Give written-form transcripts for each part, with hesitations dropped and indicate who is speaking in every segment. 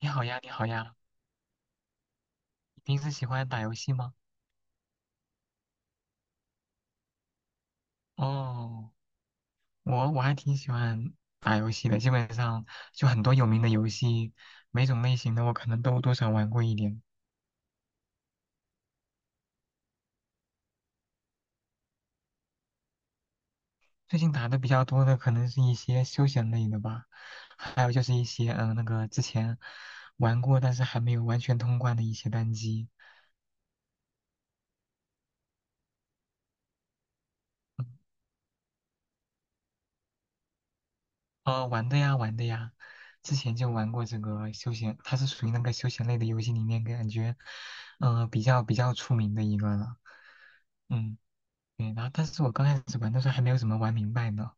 Speaker 1: 你好呀，你好呀，你平时喜欢打游戏吗？哦，我还挺喜欢打游戏的，基本上就很多有名的游戏，每种类型的我可能都多少玩过一点。最近打的比较多的可能是一些休闲类的吧，还有就是一些那个之前玩过但是还没有完全通关的一些单机。嗯，哦，玩的呀，玩的呀，之前就玩过这个休闲，它是属于那个休闲类的游戏里面感觉，比较出名的一个了。嗯。对，然后但是我刚开始玩的时候还没有怎么玩明白呢。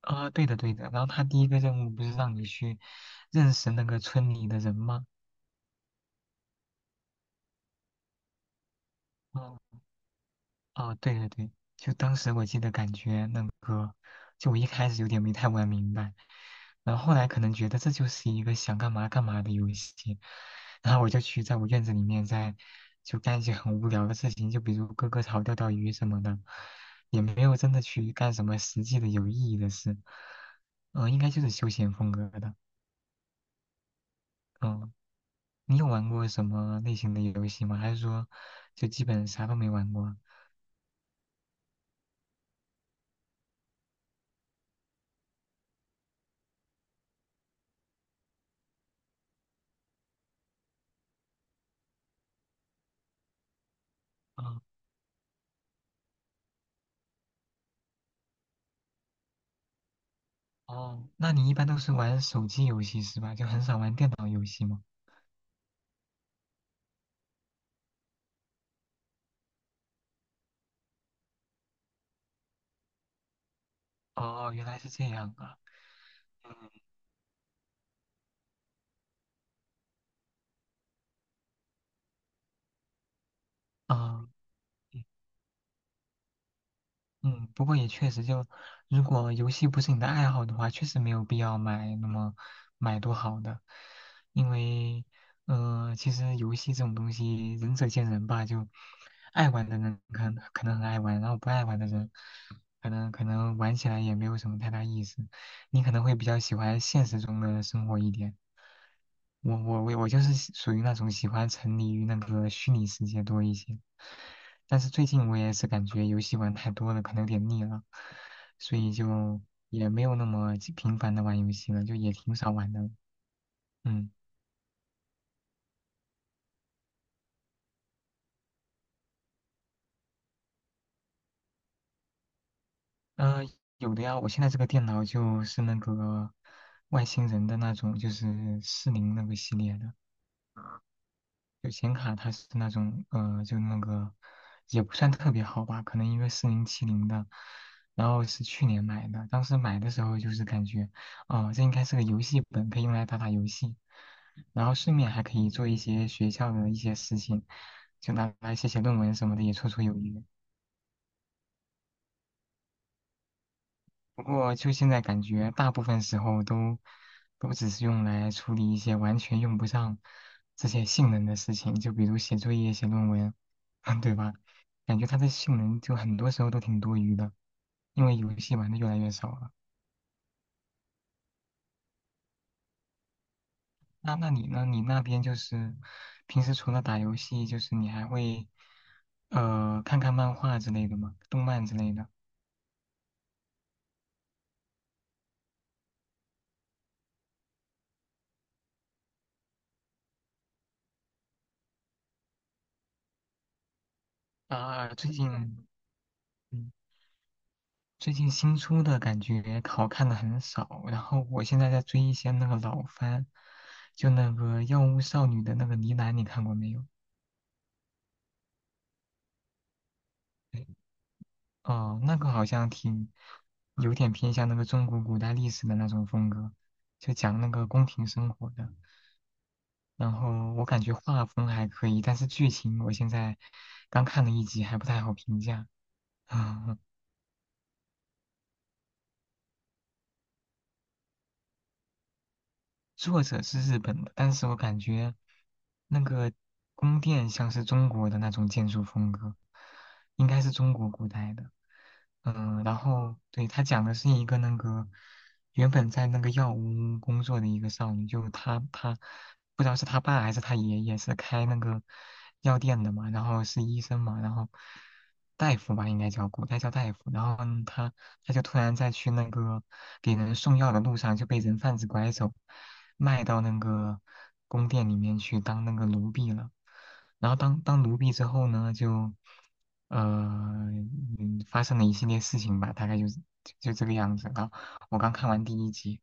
Speaker 1: 啊、对的对的，然后他第一个任务不是让你去认识那个村里的人吗？嗯、哦，对对对，就当时我记得感觉那个，就我一开始有点没太玩明白，然后后来可能觉得这就是一个想干嘛干嘛的游戏，然后我就去在我院子里面就干一些很无聊的事情，就比如割割草、钓钓鱼什么的，也没有真的去干什么实际的有意义的事，应该就是休闲风格的，嗯，你有玩过什么类型的游戏吗？还是说就基本啥都没玩过？哦哦，那你一般都是玩手机游戏是吧？就很少玩电脑游戏吗？哦，原来是这样啊。啊，嗯，不过也确实就，如果游戏不是你的爱好的话，确实没有必要买那么买多好的，因为，其实游戏这种东西仁者见仁吧，就爱玩的人可能很爱玩，然后不爱玩的人可能玩起来也没有什么太大意思，你可能会比较喜欢现实中的生活一点。我就是喜属于那种喜欢沉迷于那个虚拟世界多一些，但是最近我也是感觉游戏玩太多了，可能有点腻了，所以就也没有那么经频繁的玩游戏了，就也挺少玩的。嗯，呃，有的呀，我现在这个电脑就是那个外星人的那种，就是四零那个系列的。有显卡它是那种就那个也不算特别好吧，可能因为四零七零的，然后是去年买的，当时买的时候就是感觉，哦、这应该是个游戏本，可以用来打打游戏，然后顺便还可以做一些学校的一些事情，就拿来写写论文什么的，也绰绰有余。不过就现在感觉，大部分时候都只是用来处理一些完全用不上这些性能的事情，就比如写作业、写论文，对吧？感觉它的性能就很多时候都挺多余的，因为游戏玩的越来越少了。那那你呢？你那边就是平时除了打游戏，就是你还会看看漫画之类的吗？动漫之类的？啊，最近嗯最近新出的感觉好看的很少，然后我现在在追一些那个老番，就那个《药物少女》的那个呢喃，你看过没有？哦，那个好像挺有点偏向那个中国古代历史的那种风格，就讲那个宫廷生活的。然后我感觉画风还可以，但是剧情我现在刚看了一集，还不太好评价。作者是日本的，但是我感觉那个宫殿像是中国的那种建筑风格，应该是中国古代的。嗯，然后对，他讲的是一个那个原本在那个药屋工作的一个少女，就她不知道是她爸还是她爷爷是开那个药店的嘛，然后是医生嘛，然后大夫吧应该叫古代叫大夫，然后呢他就突然在去那个给人送药的路上就被人贩子拐走，卖到那个宫殿里面去当那个奴婢了。然后当奴婢之后呢，就呃嗯发生了一系列事情吧，大概就是就这个样子。然后我刚看完第一集，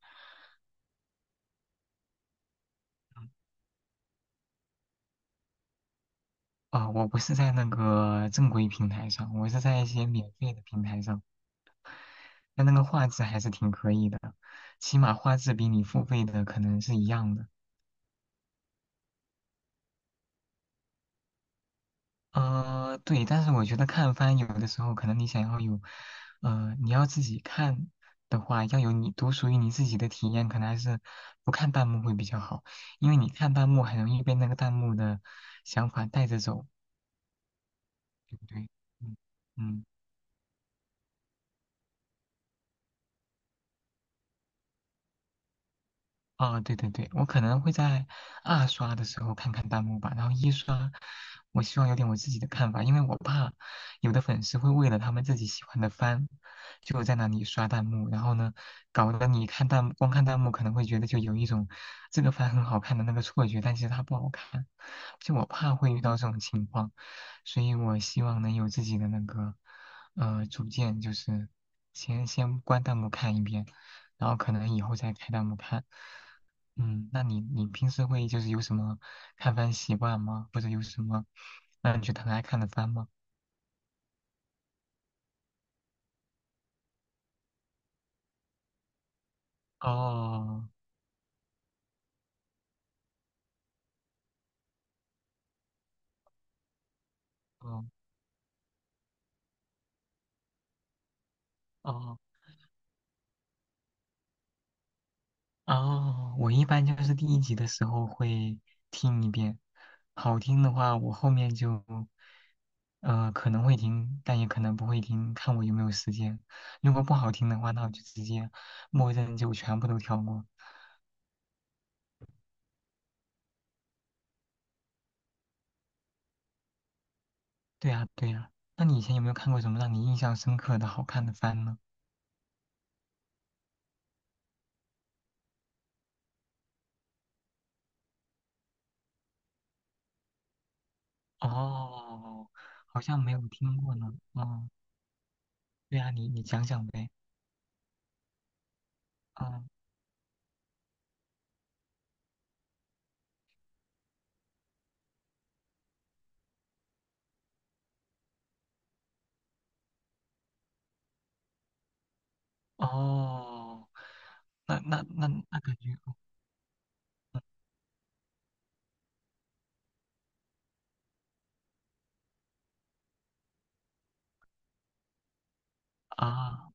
Speaker 1: 啊、我不是在那个正规平台上，我是在一些免费的平台上，但那个画质还是挺可以的，起码画质比你付费的可能是一样的。呃，对，但是我觉得看番有的时候，可能你想要有，你要自己看的话，要有你独属于你自己的体验，可能还是不看弹幕会比较好，因为你看弹幕很容易被那个弹幕的想法带着走，对不对？嗯嗯。啊，对对对，我可能会在二刷的时候看看弹幕吧，然后一刷，我希望有点我自己的看法，因为我怕有的粉丝会为了他们自己喜欢的番，就在那里刷弹幕，然后呢，搞得你看弹幕，光看弹幕可能会觉得就有一种这个番很好看的那个错觉，但其实它不好看，就我怕会遇到这种情况，所以我希望能有自己的那个主见，就是先关弹幕看一遍，然后可能以后再开弹幕看。嗯，那你平时会就是有什么看番习惯吗？或者有什么让你觉得很爱看的番吗？哦哦哦哦，我一般就是第一集的时候会听一遍，好听的话我后面就可能会听，但也可能不会听，看我有没有时间。如果不好听的话，那我就直接默认就全部都跳过。对呀对呀，那你以前有没有看过什么让你印象深刻的好看的番呢？哦，好像没有听过呢。嗯，对啊，你讲讲呗。嗯，哦，那那那那感觉啊，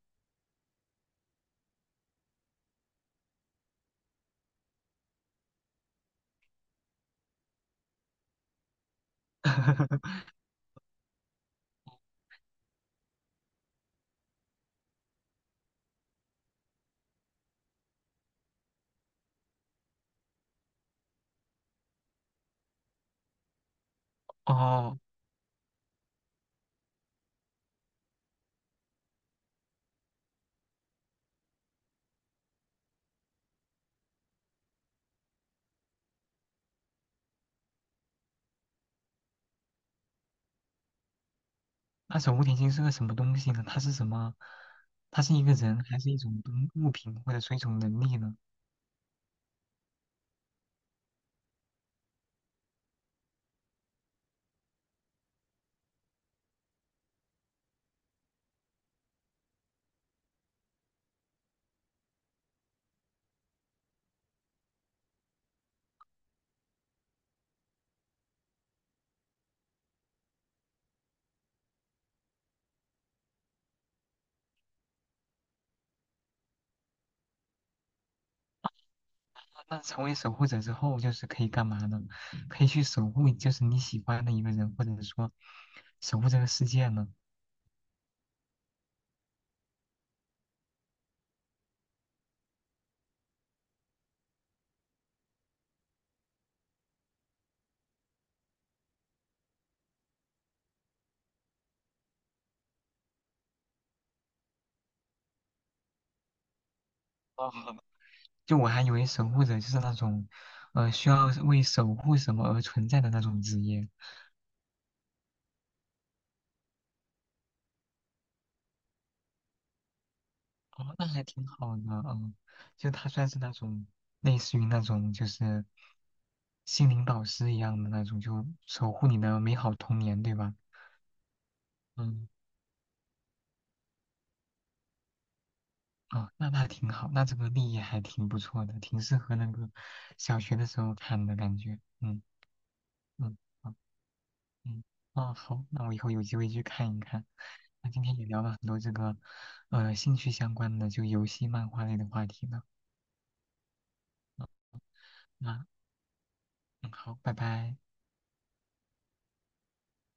Speaker 1: 哦，那守护甜心是个什么东西呢？它是什么？它是一个人，还是一种东物品，或者说一种能力呢？啊那成为守护者之后，就是可以干嘛呢？可以去守护，就是你喜欢的一个人，或者说守护这个世界呢？哦就我还以为守护者就是那种，需要为守护什么而存在的那种职业。哦，那还挺好的，嗯，就他算是那种类似于那种就是心灵导师一样的那种，就守护你的美好童年，对吧？嗯，哦，那那挺好，那这个立意还挺不错的，挺适合那个小学的时候看的感觉。嗯嗯。嗯，啊，好，那我以后有机会去看一看。那今天也聊了很多这个，兴趣相关的，就游戏、漫画类的话题呢。那，嗯，好，拜拜。